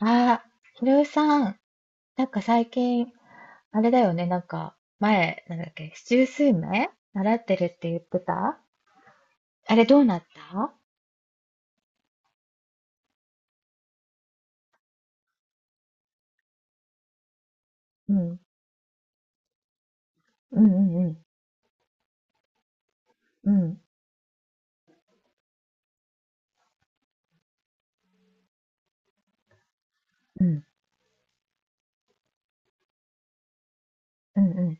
ああ、ひろゆきさん、なんか最近、あれだよね、なんか、前、なんだっけ、七十数名習ってるって言ってたあれどうなった？うん、うんうんうん、うん、うん、うん、う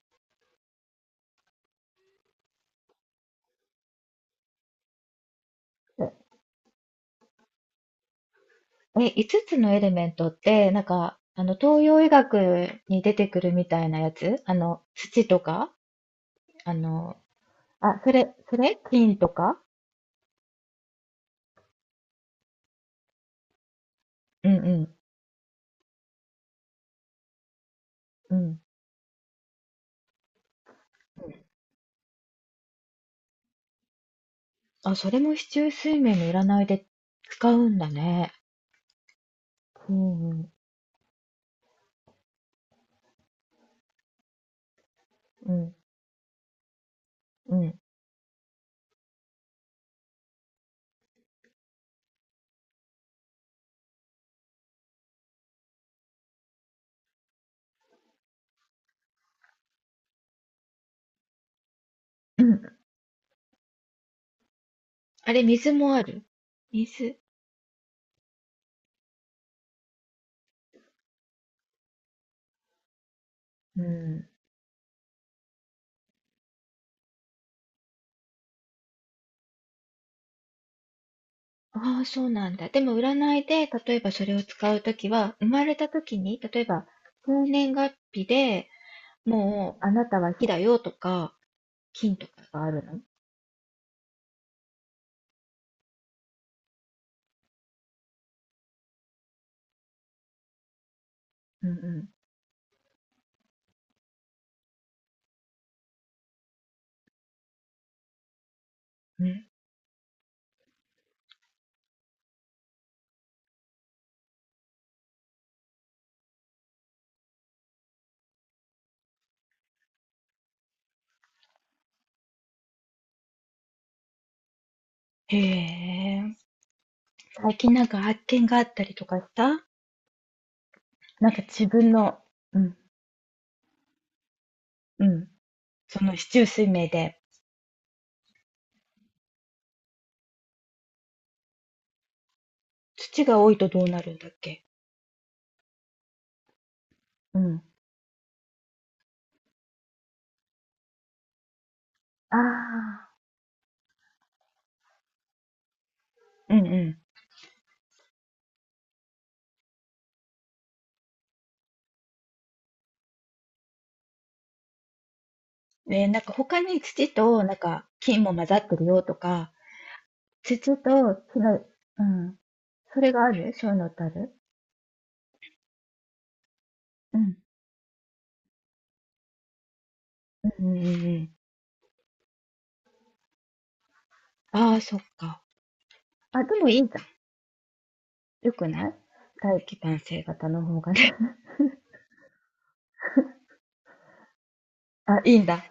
ん。え、5つつのエレメントって、なんか、あの、東洋医学に出てくるみたいなやつあの、土とかあの、あ、それ、それ金とか。うんうん、うん。あ、それも四柱推命の占いで使うんだね。うんうん、うん、うん。うん。あれ、水もある？水。うん。ああ、そうなんだ。でも占いで、例えばそれを使うときは、生まれたときに、例えば、生年月日でもう、あなたは火だよとか、金とかがあるの？うんうん。うん。へえ。最近なんか発見があったりとかした？なんか自分の、うん、うん。その市中水明で、土が多いとどうなるんだっけ？うん。ああ。うんうん。ね、なんか他に土となんか金も混ざってるよとか、土とその、うん、それがあるそういうのってある？うん、うんうんうん。ああ、そっか。あ、でもいいじゃん。よくない？大気慣性型の方がね。あ、いいんだ。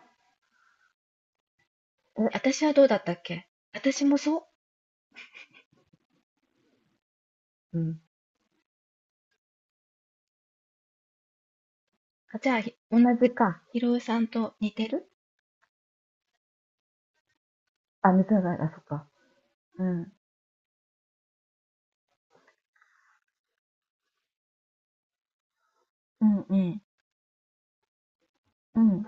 え、私はどうだったっけ？私もそう。うん。あ、じゃあ、ひ同じか。ひろおさんと似てる？あ、似てない。あ、そっか。うん。うんうん。うん。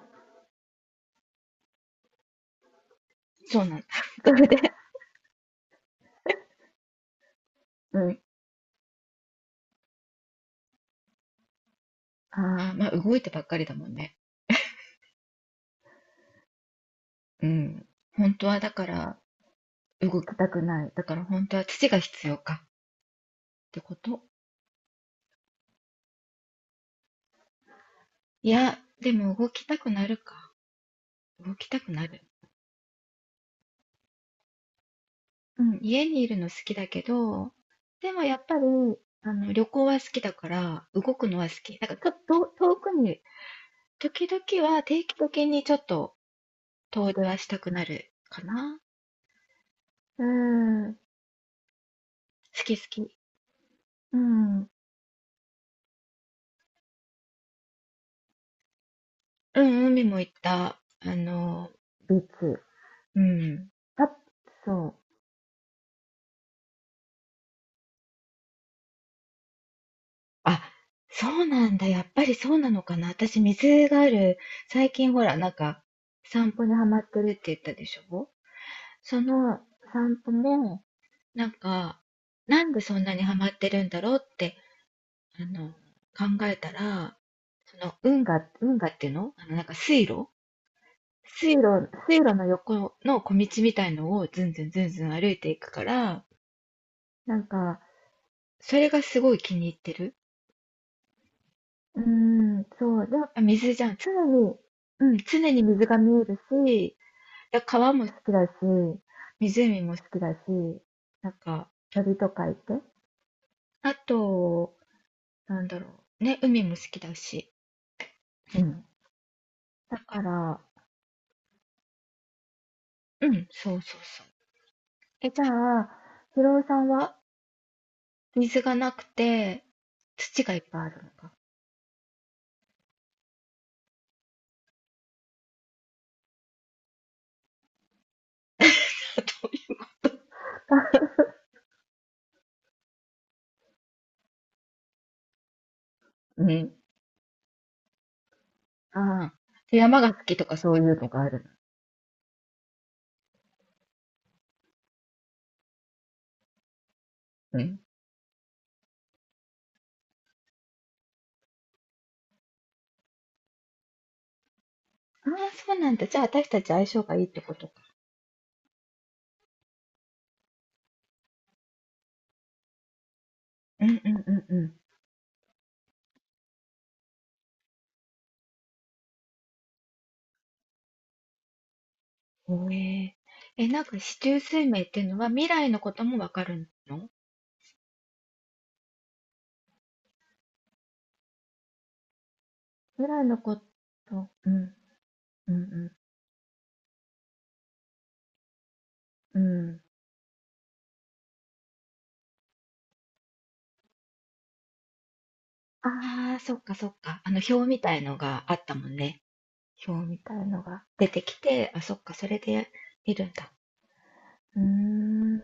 そうなんだ。それで、うん。ああ、まあ動いてばっかりだもんね。うん。本当はだから動きたくない。だから本当は土が必要かってこと？いや、でも動きたくなるか。動きたくなる。うん、家にいるの好きだけど、でもやっぱり、あの、旅行は好きだから、動くのは好き。だからちょっと遠くに、時々は定期的にちょっと遠出はしたくなるかな。うん。好き好き。うん。うん、海も行った。あの、ビーチ。うん。あ、そう。あ、そうなんだ。やっぱりそうなのかな。私、水がある、最近ほら、なんか、散歩にハマってるって言ったでしょ？その散歩も、なんか、なんでそんなにハマってるんだろうって、あの、考えたら、その、運河、運河っていうのあの、なんか水路水路、水路の横の小道みたいのをずんずんずんずん歩いていくから、なんか、それがすごい気に入ってる。うーん、そう。でも、水じゃん。常に、うん、常に水が見えるし、だ川も好きだし、湖も、好きだし、なんか、鳥とかいて。あと、なんだろう。ね、海も好きだし。うん。だから、うん、そうそうそう。え、じゃあ、ひろおさんは水がなくて、土がいっぱいあるのか。うん。ああ。で、山が好きとかそういうのがあるの。うん。ああ、そうなんだ。じゃあ、私たち相性がいいってことか。うんうんうんうん。おえー、え、なんか四柱推命っていうのは未来のこともわかるの？未来のこと、うん、うん、うん、うん。ああ、そっかそっか。あの表みたいのがあったもんね。表みたいのが。出てきて、あ、そっか、それで見るんだ。うーん、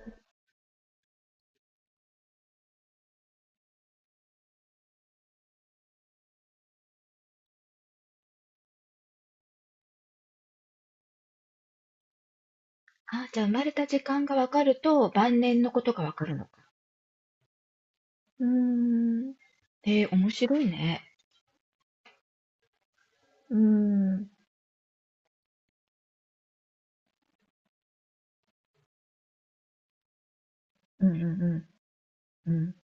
あ、じゃあ生まれた時間がわかると晩年のことがわかるのか。うーん、えー、面白いね。うーん、うん、うん、うん。うん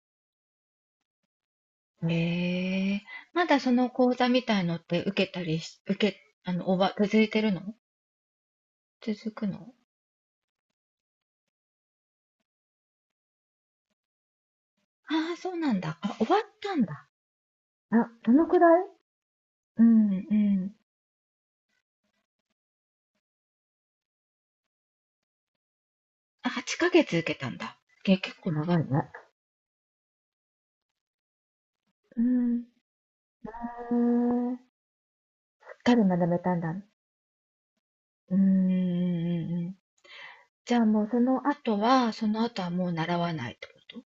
ええまだその講座みたいのって受けたりし、受け、終わ、続いてるの？続くの？ああ、そうなんだ。あ、終わったんだ。あ、どのくらい？うんうん。あ、8ヶ月受けたんだ。け、結構長いね。うん。へーしっかり学べたんだ。うんうんうんうん。じゃあもうその後は、その後はもう習わないってこと？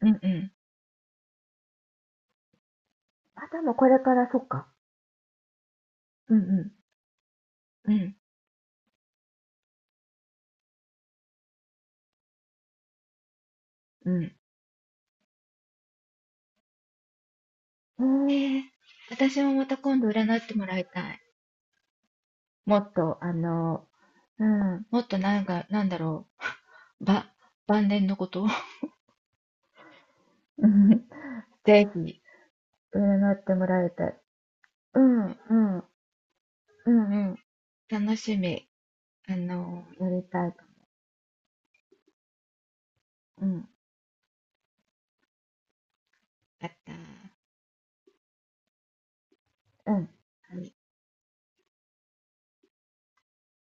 うんうん。あ、でもこれから、そっか。うんうん。うん。うん。うーん。私もまた今度占ってもらいたい。もっと、うん、もっとなんか、なんだろう、ば、晩年のことを うんぜひ、占ってもらいたい。うん、うん、うん、うん、楽しみ。やりたい。うん、やった。うん。はい